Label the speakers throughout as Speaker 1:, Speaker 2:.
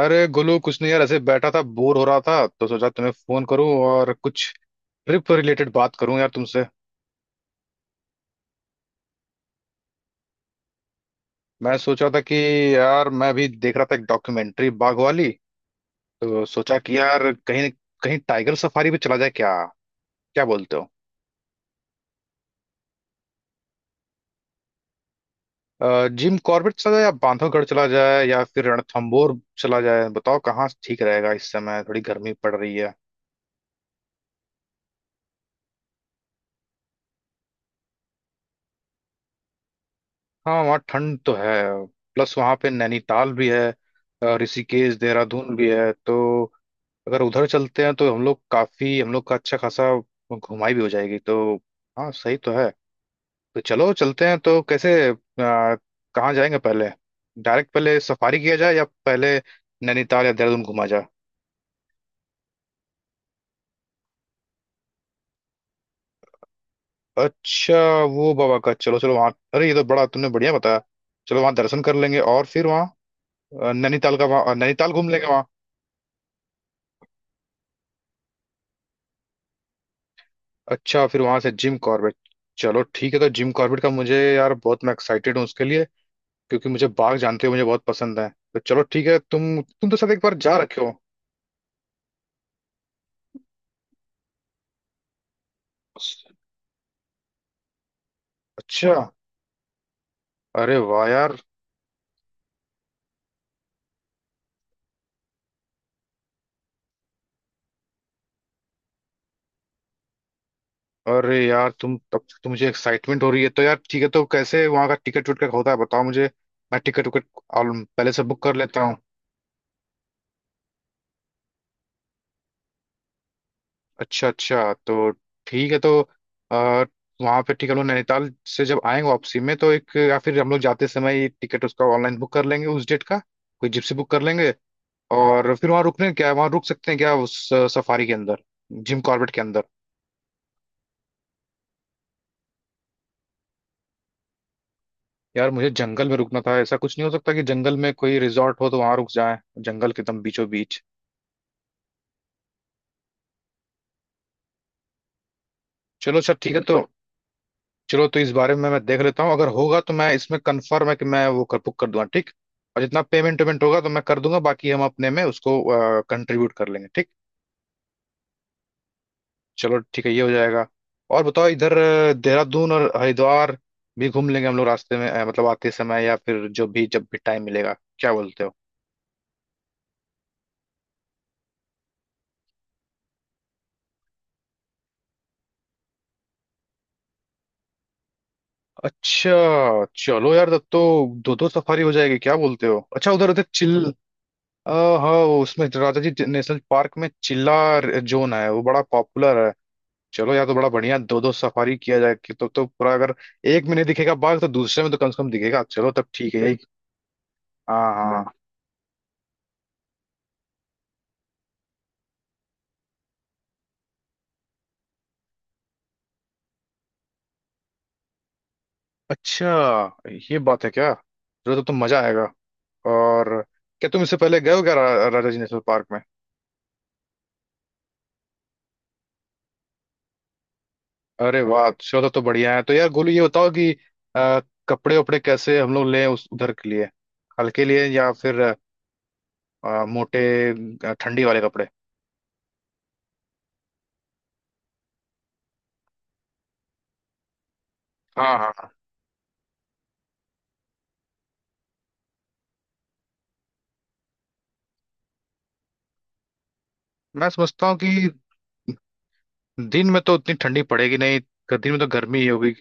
Speaker 1: अरे गोलू कुछ नहीं यार, ऐसे बैठा था, बोर हो रहा था, तो सोचा तुम्हें फोन करूं और कुछ ट्रिप रिलेटेड बात करूं यार तुमसे। मैं सोच रहा था कि यार, मैं भी देख रहा था एक डॉक्यूमेंट्री बाघ वाली। तो सोचा कि यार कहीं कहीं टाइगर सफारी पे चला जाए क्या। क्या बोलते हो। जिम कॉर्बेट चला जाए या बांधवगढ़ चला जाए या फिर रणथंबोर चला जाए। बताओ कहाँ ठीक रहेगा, इस समय थोड़ी गर्मी पड़ रही है। हाँ, वहाँ ठंड तो है। प्लस वहाँ पे नैनीताल भी है। ऋषिकेश देहरादून भी है, तो अगर उधर चलते हैं तो हम लोग का अच्छा खासा घुमाई भी हो जाएगी तो। हाँ, सही तो है। तो चलो चलते हैं। तो कैसे, कहाँ जाएंगे पहले। डायरेक्ट पहले सफारी किया जाए या पहले नैनीताल या देहरादून घुमा जाए। अच्छा, वो बाबा का, चलो चलो वहाँ, अरे ये तो बड़ा तुमने बढ़िया बताया। चलो वहाँ दर्शन कर लेंगे और फिर वहाँ नैनीताल का वहाँ नैनीताल घूम लेंगे। अच्छा, फिर वहां से जिम कॉर्बेट। चलो ठीक है। तो जिम कॉर्बेट का मुझे यार बहुत, मैं एक्साइटेड हूँ उसके लिए, क्योंकि मुझे बाघ, जानते हो, मुझे बहुत पसंद है। तो चलो ठीक है, तुम तो शायद एक बार जा रखे हो। अच्छा। अरे वाह यार। अरे यार, तुम, तब तो मुझे एक्साइटमेंट हो रही है तो यार। ठीक है, तो कैसे वहां का टिकट विकट का होता है, बताओ मुझे। मैं टिकट विकट पहले से बुक कर लेता हूँ। अच्छा अच्छा। तो ठीक है तो, आ, वहाँ पे ठीक है, हम लोग नैनीताल से जब आएंगे वापसी में तो एक, या फिर हम लोग जाते समय ही टिकट उसका ऑनलाइन बुक कर लेंगे उस डेट का। कोई जिप्सी बुक कर लेंगे। और फिर वहाँ रुकने क्या है, वहाँ रुक सकते हैं क्या उस सफारी के अंदर, जिम कॉर्बेट के अंदर। यार, मुझे जंगल में रुकना था। ऐसा कुछ नहीं हो सकता कि जंगल में कोई रिजॉर्ट हो तो वहाँ रुक जाए, जंगल के एकदम बीचों बीच। चलो अच्छा, ठीक है तो। चलो तो इस बारे में मैं देख लेता हूँ। अगर होगा तो मैं, इसमें कंफर्म है कि मैं वो कर बुक कर दूंगा, ठीक। और जितना पेमेंट वेमेंट होगा तो मैं कर दूंगा, बाकी हम अपने में उसको कंट्रीब्यूट कर लेंगे, ठीक। चलो ठीक है, ये हो जाएगा। और बताओ, इधर देहरादून और हरिद्वार भी घूम लेंगे हम लोग रास्ते में, मतलब आते समय या फिर जो भी, जब भी टाइम मिलेगा। क्या बोलते हो। अच्छा, चलो यार, तब तो दो दो सफारी हो जाएगी, क्या बोलते हो। अच्छा, उधर उधर चिल। आ, हाँ, उसमें राजाजी नेशनल पार्क में चिल्ला जोन है, वो बड़ा पॉपुलर है। चलो यार, तो बड़ा बढ़िया, दो दो सफारी किया जाए। कि तो पूरा, अगर एक में नहीं दिखेगा बाघ तो दूसरे में तो कम से कम दिखेगा। चलो तब ठीक है, यही। हाँ हाँ। अच्छा, ये बात है क्या, चलो तब तो मजा आएगा। और क्या तुम इससे पहले गए हो क्या राजा जी नेशनल पार्क में। अरे वाह, चलो तब तो बढ़िया है। तो यार गोलू, ये बताओ कि अ, कपड़े उपड़े कैसे हम लोग लें उस उधर के लिए। हल्के लिए या फिर मोटे, ठंडी वाले कपड़े। हाँ हाँ हाँ। मैं समझता हूँ कि दिन में तो उतनी ठंडी पड़ेगी नहीं, दिन में तो गर्मी ही होगी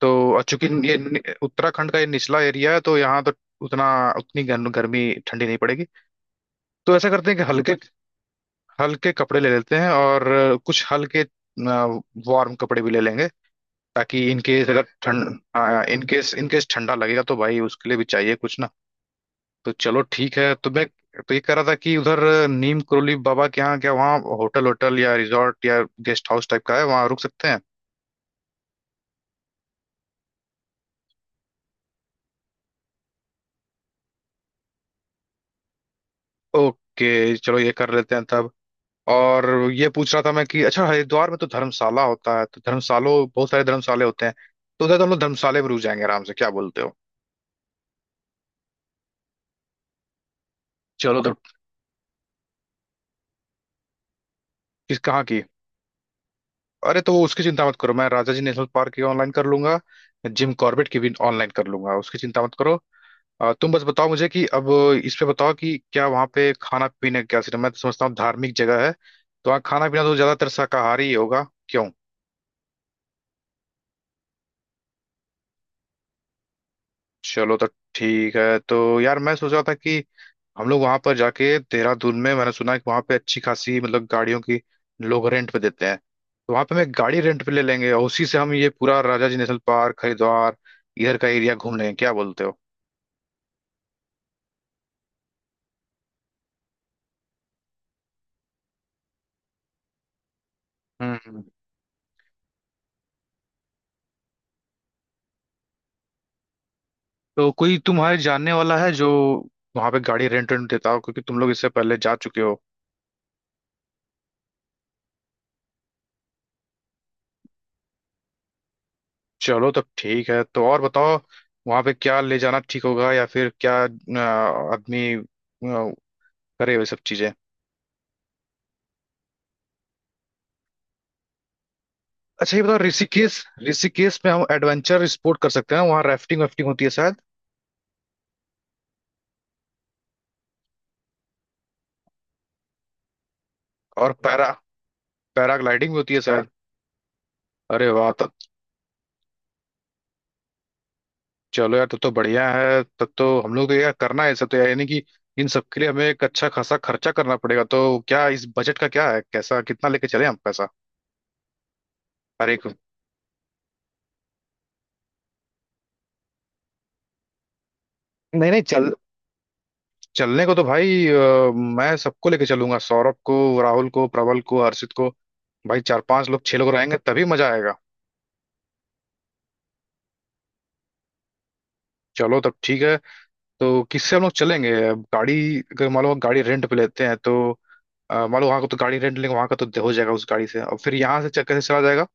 Speaker 1: तो। और चूंकि ये उत्तराखंड का ये निचला एरिया है, तो यहाँ तो उतना गर्मी ठंडी नहीं पड़ेगी। तो ऐसा करते हैं कि हल्के हल्के कपड़े ले लेते हैं, और कुछ हल्के वार्म कपड़े भी ले लेंगे, ताकि इन केस अगर ठंड, हाँ, इन केस ठंडा लगेगा तो भाई उसके लिए भी चाहिए कुछ ना। तो चलो ठीक है। तो मैं तो ये कह रहा था कि उधर नीम करोली बाबा के यहाँ क्या वहाँ होटल, होटल या रिजॉर्ट या गेस्ट हाउस टाइप का है, वहाँ रुक सकते हैं। ओके, चलो ये कर लेते हैं तब। और ये पूछ रहा था मैं कि अच्छा हरिद्वार में तो धर्मशाला होता है, तो धर्मशालों बहुत सारे धर्मशाले होते हैं, तो उधर तो हम लोग धर्मशाले में रुक जाएंगे आराम से, क्या बोलते हो। चलो तो, किस कहाँ की। अरे तो वो, उसकी चिंता मत करो, मैं राजा जी नेशनल पार्क की ऑनलाइन कर लूंगा, जिम कॉर्बेट की भी ऑनलाइन कर लूंगा, उसकी चिंता मत करो। तुम बस बताओ मुझे कि अब इस पे बताओ कि क्या वहाँ पे खाना पीने का क्या सिस्टम। मैं तो समझता हूँ धार्मिक जगह है तो वहाँ खाना पीना तो ज्यादातर शाकाहारी ही होगा, क्यों। चलो तो ठीक है। तो यार मैं सोच रहा था कि हम लोग वहां पर जाके, देहरादून में मैंने सुना है कि वहां पे अच्छी खासी, मतलब गाड़ियों की लोग रेंट पे देते हैं, तो वहां पे हम एक गाड़ी रेंट पे ले लेंगे और उसी से हम ये पूरा राजाजी नेशनल पार्क, हरिद्वार, इधर का एरिया घूम लेंगे, क्या बोलते हो। हम्म। तो कोई तुम्हारे जानने वाला है जो वहां पे गाड़ी रेंट रेंट देता हो, क्योंकि तुम लोग इससे पहले जा चुके हो। चलो तब ठीक है। तो और बताओ, वहां पे क्या ले जाना ठीक होगा या फिर क्या आदमी करे वे सब चीजें। अच्छा, ये बताओ ऋषिकेश ऋषिकेश में हम एडवेंचर स्पोर्ट कर सकते हैं, वहाँ राफ्टिंग वाफ्टिंग होती है शायद। और पैराग्लाइडिंग भी होती है शायद। अरे वाह, तब चलो यार, तब तो बढ़िया है, तब तो हम लोग तो यार करना है ये सब तो यार, यानी कि इन सब के लिए हमें एक अच्छा खासा खर्चा करना पड़ेगा। तो क्या इस बजट का क्या है, कैसा, कितना लेके चले हम पैसा। हर एक, नहीं नहीं। चल चलने को तो भाई, मैं सबको लेके चलूंगा, सौरभ को, राहुल को, प्रबल को, हर्षित को। भाई चार पांच लोग, छह लोग रहेंगे, तभी मजा आएगा। चलो तब ठीक है। तो किससे हम लोग चलेंगे अब, गाड़ी, अगर मान लो हम गाड़ी रेंट पे लेते हैं तो, मान लो वहाँ का तो गाड़ी रेंट लेंगे, वहाँ का तो हो जाएगा उस गाड़ी से, और फिर यहाँ से कैसे चला जाएगा,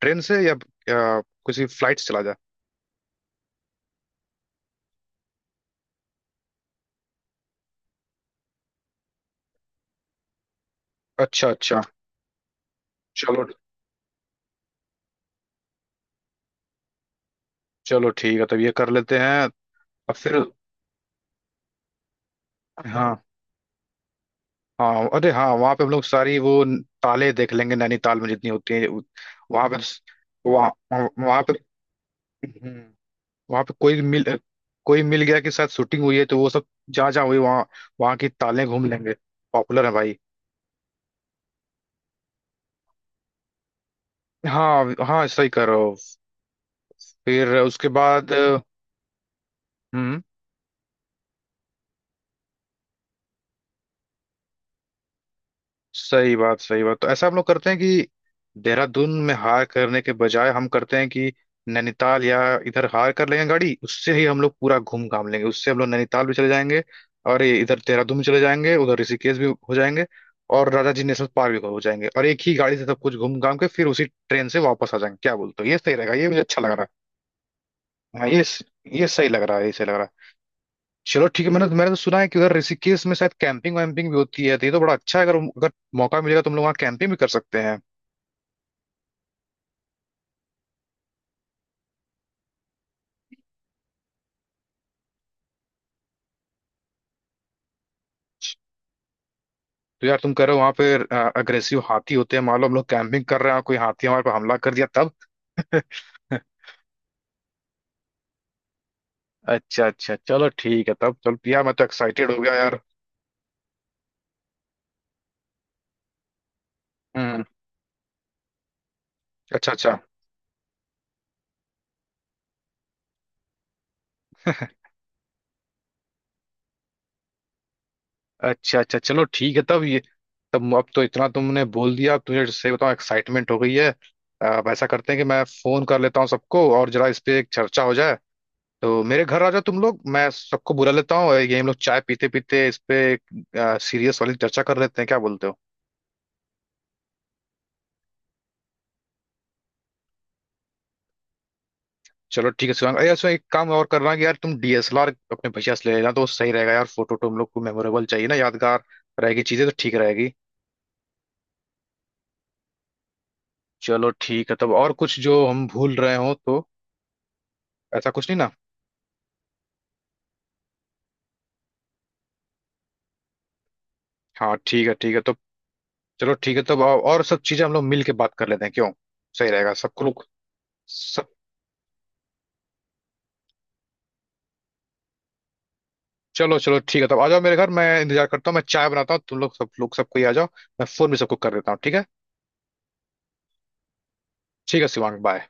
Speaker 1: ट्रेन से या किसी फ्लाइट से चला जाए। अच्छा अच्छा, चलो चलो ठीक है, तब ये कर लेते हैं। अब फिर, हाँ हाँ, अरे हाँ, वहाँ पे हम लोग सारी वो ताले देख लेंगे नैनीताल में, जितनी होती है वहाँ पे, वहाँ, वहाँ पे। वहां पे कोई मिल गया के साथ शूटिंग हुई है तो वो सब जहाँ जहाँ हुई, वहाँ वहाँ की तालें घूम लेंगे, पॉपुलर है भाई। हाँ हाँ, सही कर रहे हो। फिर उसके बाद हम्म सही बात, सही बात। तो ऐसा हम लोग करते हैं कि देहरादून में हायर करने के बजाय हम करते हैं कि नैनीताल या इधर हायर कर लेंगे गाड़ी, उससे ही हम लोग पूरा घूम घाम लेंगे। उससे हम लोग नैनीताल भी चले जाएंगे और ये इधर देहरादून भी चले जाएंगे, उधर ऋषिकेश भी हो जाएंगे और राजा जी नेशनल पार्क भी हो जाएंगे, और एक ही गाड़ी से सब कुछ घूम घाम के फिर उसी ट्रेन से वापस आ जाएंगे। क्या बोलते हो, ये सही रहेगा, ये मुझे अच्छा लग रहा है। हाँ ये सही लग रहा है, ये सही लग रहा है। चलो ठीक है। मैंने तो सुना है कि उधर ऋषिकेश में शायद कैंपिंग वैम्पिंग भी होती है, तो ये तो बड़ा अच्छा है। अगर अगर मौका मिलेगा, तुम लोग वहाँ कैंपिंग भी कर सकते हैं। तो यार, तुम कह रहे हो वहाँ पे अग्रेसिव हाथी होते हैं, मान लो हम लोग कैंपिंग कर रहे हैं और कोई हाथी हमारे पर हमला कर दिया तब। अच्छा अच्छा, चलो ठीक है तब। चलो यार, मैं तो एक्साइटेड हो गया यार। हम्म। अच्छा अच्छा अच्छा अच्छा, चलो ठीक है तब अब तो इतना तुमने बोल दिया, अब तुझे सही बताऊं, एक्साइटमेंट हो गई है। अब ऐसा करते हैं कि मैं फोन कर लेता हूँ सबको और जरा इस पे एक चर्चा हो जाए। तो मेरे घर आ जाओ तुम लोग, मैं सबको बुला लेता हूँ और ये हम लोग चाय पीते पीते इस पे सीरियस वाली चर्चा कर लेते हैं, क्या बोलते हो। चलो ठीक है शिवांग। अरे इसमें एक काम और करना, कि यार तुम डीएसएलआर अपने भैया से ले लेना तो सही रहेगा यार, फोटो तो हम लोग को मेमोरेबल चाहिए ना, यादगार रहेगी चीजें तो, ठीक रहेगी। चलो ठीक है तब, और कुछ जो हम भूल रहे हो तो, ऐसा कुछ नहीं ना। हाँ ठीक है, ठीक है तो। चलो ठीक है तब, और सब चीजें हम लोग मिल के बात कर लेते हैं, क्यों, सही रहेगा सबको लोग सब। चलो चलो ठीक है तब, आ जाओ मेरे घर, मैं इंतजार करता हूँ, मैं चाय बनाता हूँ। तुम लोग सब, लोग सब कोई आ जाओ, मैं फोन भी सबको कर देता हूँ, ठीक है। ठीक है शिवांग, बाय।